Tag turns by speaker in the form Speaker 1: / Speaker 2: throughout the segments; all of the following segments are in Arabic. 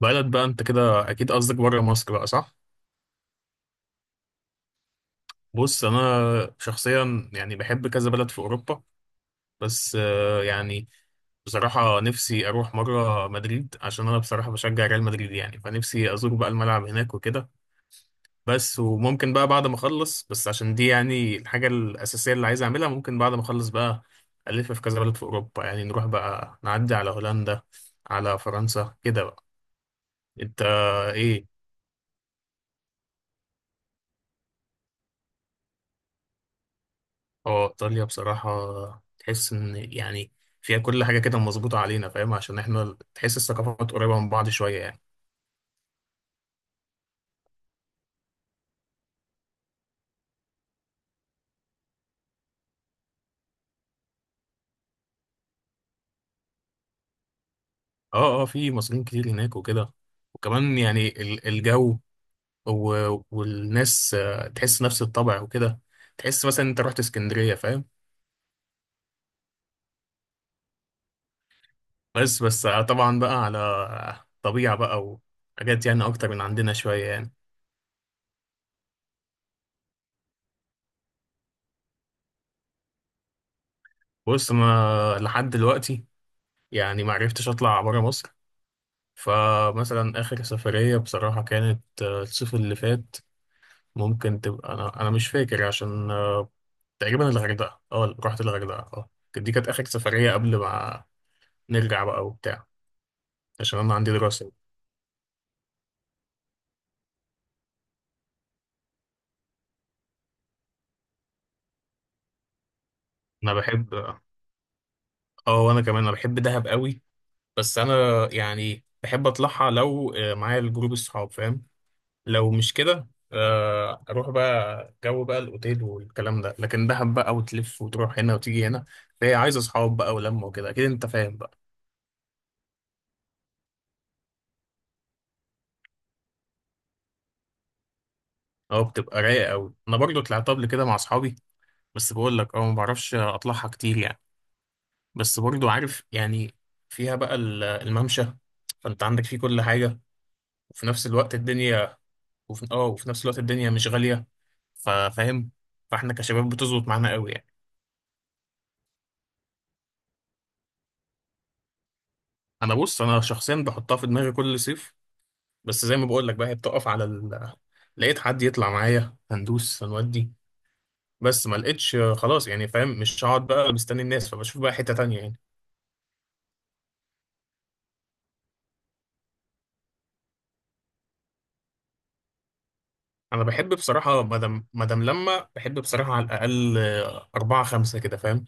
Speaker 1: بلد بقى انت كده اكيد قصدك بره مصر بقى صح؟ بص، شخصيا يعني بحب كذا بلد في اوروبا. بس يعني بصراحة نفسي اروح مرة مدريد، عشان انا بصراحة بشجع ريال مدريد، يعني فنفسي ازور بقى الملعب هناك وكده. بس وممكن بقى بعد ما اخلص، بس عشان دي يعني الحاجة الاساسية اللي عايز اعملها، ممكن بعد ما اخلص بقى الف في كذا بلد في اوروبا، يعني نروح بقى نعدي على هولندا، على فرنسا كده بقى. انت ايه؟ اه، ايطاليا بصراحه تحس ان يعني فيها كل حاجه كده مظبوطه علينا، فاهم؟ عشان احنا تحس الثقافات قريبه من بعض شويه يعني. اه اه، في مصريين كتير هناك وكده، وكمان يعني الجو والناس تحس نفس الطبع وكده. تحس مثلا انت رحت اسكندريه، فاهم؟ بس طبعا بقى على طبيعه بقى، وحاجات يعني اكتر من عندنا شويه يعني. بص، ما لحد دلوقتي يعني ما عرفتش اطلع بره مصر، فمثلا آخر سفرية بصراحة كانت الصيف اللي فات. ممكن تبقى أنا مش فاكر عشان تقريبا الغردقة، اه رحت الغردقة اه. دي كانت آخر سفرية قبل ما نرجع بقى وبتاع، عشان أنا عندي دراسة. أنا بحب، اه وأنا كمان أنا بحب دهب قوي. بس أنا يعني بحب أطلعها لو معايا الجروب الصحاب، فاهم؟ لو مش كده، اروح بقى جو بقى الاوتيل والكلام ده، لكن دهب بقى وتلف وتروح هنا وتيجي هنا، فهي عايزه اصحاب بقى ولمه وكده، اكيد انت فاهم بقى. اه، بتبقى رايقه قوي، انا برضو طلعت قبل كده مع اصحابي. بس بقول لك اه، ما بعرفش اطلعها كتير يعني. بس برضو عارف يعني فيها بقى الممشى، فانت عندك فيه كل حاجه، وفي نفس الوقت الدنيا وفي نفس الوقت الدنيا مش غاليه. فاهم؟ فاحنا كشباب بتظبط معانا قوي يعني. انا بص، انا شخصيا بحطها في دماغي كل صيف، بس زي ما بقول لك بقى هي بتقف على ال... لقيت حد يطلع معايا هندوس هنودي، بس ما لقيتش. خلاص يعني، فاهم؟ مش هقعد بقى مستني الناس، فبشوف بقى حتة تانية يعني. انا بحب بصراحة مدام لما بحب بصراحة على الاقل أربعة خمسة كده، فاهم؟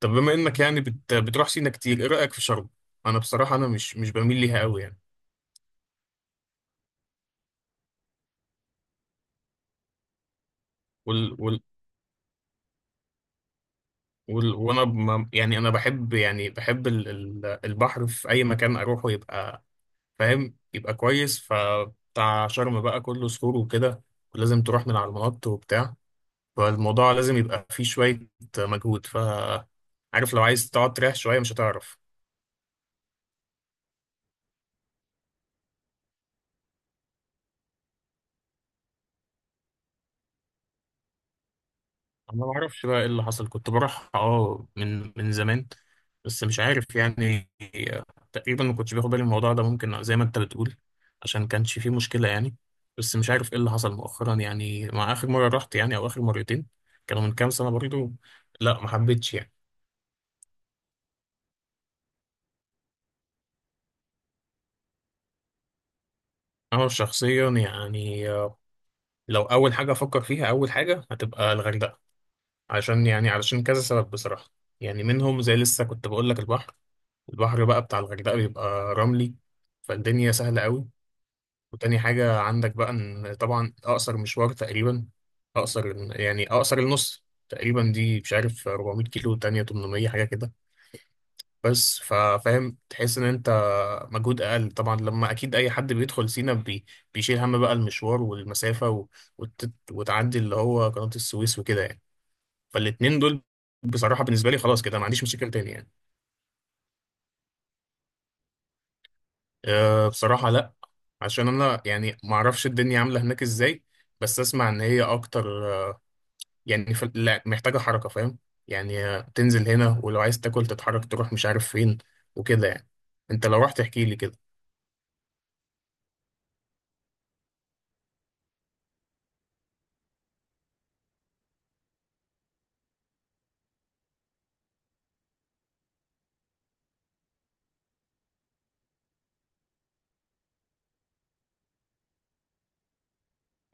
Speaker 1: طب بما انك يعني بتروح سينا كتير، ايه رأيك في شرم؟ انا بصراحة انا مش بميل ليها قوي يعني. وال... وال... وال... وانا ما... يعني انا بحب، يعني بحب البحر في اي مكان اروحه يبقى فاهم، يبقى كويس، فبتاع شرم بقى كله صخور وكده، ولازم تروح من على المنط وبتاع، فالموضوع لازم يبقى فيه شوية مجهود. عارف لو عايز تقعد تريح شوية مش هتعرف. أنا ما أعرفش بقى إيه اللي حصل، كنت بروح أه من زمان، بس مش عارف يعني، تقريبا ما كنتش باخد بالي من الموضوع ده، ممكن زي ما أنت بتقول عشان كانش فيه مشكلة يعني. بس مش عارف إيه اللي حصل مؤخرا، يعني مع آخر مرة رحت، يعني أو آخر مرتين، كانوا من كام سنة برضه. لا، ما حبيتش يعني. أنا شخصيا يعني لو أول حاجة أفكر فيها، أول حاجة هتبقى الغردقة، عشان يعني علشان كذا سبب بصراحة. يعني منهم زي لسه كنت بقول لك البحر. البحر بقى بتاع الغردقة بيبقى رملي، فالدنيا سهلة قوي. وتاني حاجة عندك بقى إن طبعا أقصر مشوار تقريبا، أقصر، يعني أقصر النص تقريبا، دي مش عارف 400 كيلو تانية 800 حاجة كده. بس فاهم، تحس ان انت مجهود اقل طبعا، لما اكيد اي حد بيدخل سينا بيشيل هم بقى المشوار والمسافه وتعدي اللي هو قناه السويس وكده يعني. فالاتنين دول بصراحه بالنسبه لي خلاص كده ما عنديش مشاكل تاني يعني. أه بصراحه لا، عشان انا يعني ما اعرفش الدنيا عامله هناك ازاي، بس اسمع ان هي اكتر يعني لا، محتاجه حركه، فاهم؟ يعني تنزل هنا ولو عايز تاكل تتحرك تروح مش عارف فين وكده يعني. انت لو رحت احكي لي كده.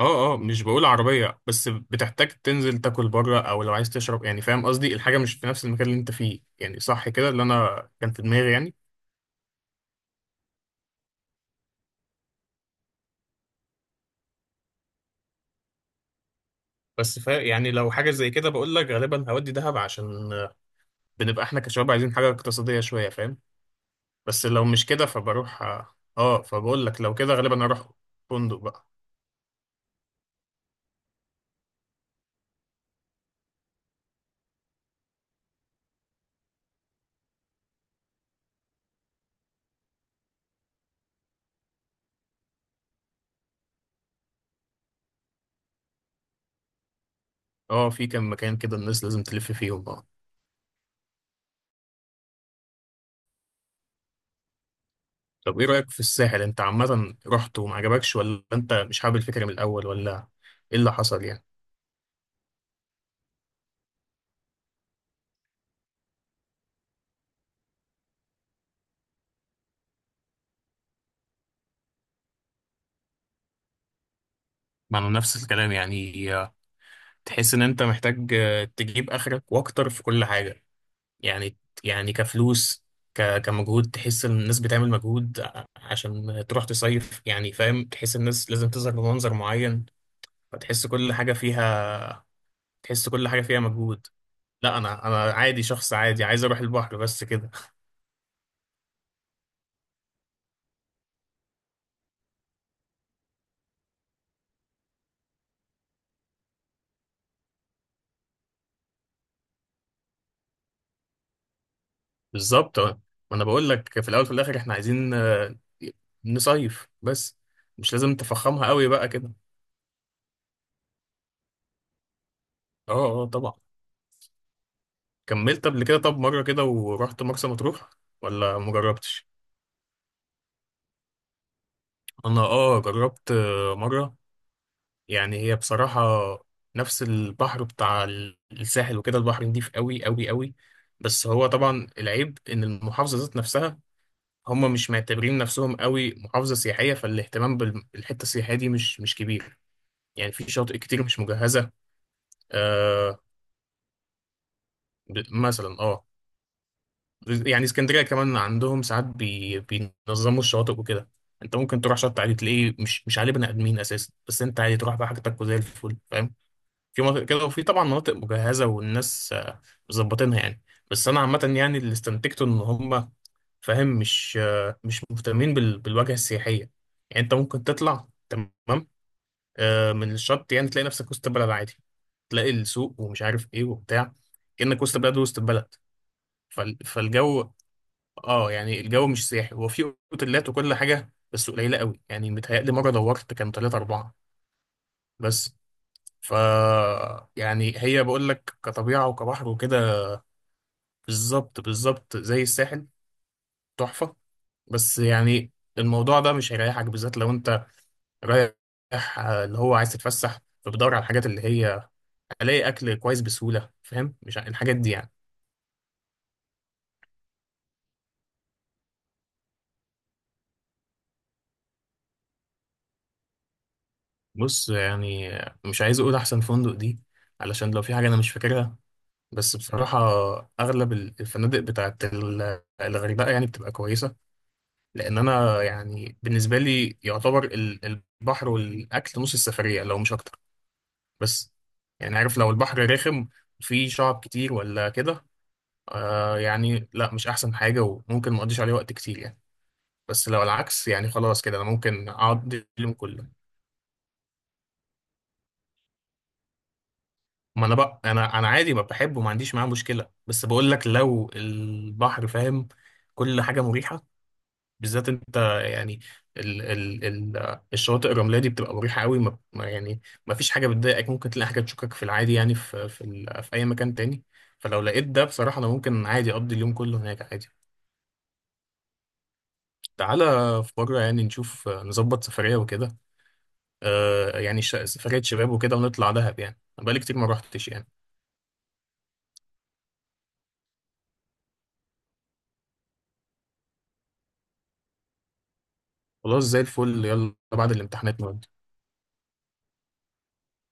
Speaker 1: اه اه، مش بقول عربية، بس بتحتاج تنزل تاكل بره او لو عايز تشرب يعني، فاهم قصدي؟ الحاجة مش في نفس المكان اللي انت فيه يعني، صح كده اللي انا كان في دماغي يعني. بس فا يعني لو حاجة زي كده، بقول لك غالبا هودي دهب، عشان بنبقى احنا كشباب عايزين حاجة اقتصادية شوية، فاهم؟ بس لو مش كده فبروح. اه فبقول لك لو كده غالبا اروح فندق بقى. اه، في كام مكان كده الناس لازم تلف فيهم اه. طب ايه رأيك في الساحل؟ انت عامة رحت وما عجبكش، ولا انت مش حابب الفكرة من الاول، ولا ايه اللي حصل يعني؟ ما انا نفس الكلام يعني. تحس ان انت محتاج تجيب اخرك واكتر في كل حاجه يعني. يعني كفلوس، كمجهود، تحس ان الناس بتعمل مجهود عشان تروح تصيف يعني، فاهم؟ تحس الناس لازم تظهر بمنظر معين، فتحس كل حاجه فيها تحس كل حاجه فيها مجهود. لا، انا عادي، شخص عادي عايز اروح البحر بس كده. بالظبط آه. ما انا بقول لك في الاول وفي الاخر احنا عايزين نصيف بس، مش لازم تفخمها قوي بقى كده. اه اه طبعا. كملت قبل كده طب مرة كده ورحت مرسى مطروح ولا مجربتش؟ انا اه جربت مرة. يعني هي بصراحة نفس البحر بتاع الساحل وكده، البحر نضيف قوي قوي قوي، بس هو طبعا العيب ان المحافظة ذات نفسها، هم مش معتبرين نفسهم قوي محافظة سياحية، فالاهتمام بالحتة السياحية دي مش كبير، يعني في شواطئ كتير مش مجهزة. آه، مثلا اه، يعني اسكندريه كمان عندهم ساعات بينظموا الشواطئ وكده، انت ممكن تروح شط عادي تلاقيه مش عليه بني ادمين اساسا، بس انت عادي تروح بقى حاجتك وزي الفل، فاهم؟ في مناطق كده، وفي طبعا مناطق مجهزه والناس مظبطينها يعني. بس انا عامه يعني اللي استنتجته ان هم، فاهم، مش مهتمين بالواجهه السياحيه، يعني انت ممكن تطلع تمام من الشط يعني تلاقي نفسك وسط البلد عادي، تلاقي السوق ومش عارف ايه وبتاع، كأنك وسط بلد، وسط البلد. فالجو، اه يعني الجو مش سياحي، هو في اوتيلات وكل حاجه بس قليله قوي يعني، متهيألي مره دورت كان ثلاثة أربعة بس. ف يعني هي بقول لك كطبيعه وكبحر وكده بالظبط بالظبط زي الساحل، تحفه. بس يعني الموضوع ده مش هيريحك، بالذات لو انت رايح اللي هو عايز تتفسح، فبدور على الحاجات اللي هي الاقي اكل كويس بسهوله، فاهم؟ مش ع- الحاجات دي يعني. بص يعني مش عايز اقول احسن فندق دي، علشان لو في حاجه انا مش فاكرها. بس بصراحة أغلب الفنادق بتاعت الغردقة يعني بتبقى كويسة، لأن أنا يعني بالنسبة لي يعتبر البحر والأكل نص السفرية لو مش أكتر. بس يعني عارف لو البحر رخم، فيه شعب كتير ولا كده، آه يعني لا مش أحسن حاجة، وممكن مقضيش عليه وقت كتير يعني. بس لو العكس يعني، خلاص كده أنا ممكن أقضي اليوم كله. ما أنا بقى أنا عادي، ما بحبه، ما عنديش معاه مشكلة، بس بقول لك لو البحر، فاهم، كل حاجة مريحة، بالذات انت يعني ال ال ال الشواطئ الرمليه دي بتبقى مريحه قوي. يعني ما فيش حاجه بتضايقك، ممكن تلاقي حاجه تشوكك في العادي يعني في اي مكان تاني، فلو لقيت ده بصراحه انا ممكن عادي اقضي اليوم كله هناك عادي. تعالى في مره يعني نشوف نظبط سفريه وكده، آه يعني سفريه شباب وكده ونطلع دهب، يعني أنا بقالي كتير ما روحتش يعني. خلاص زي الفل، يلا بعد الامتحانات نودي.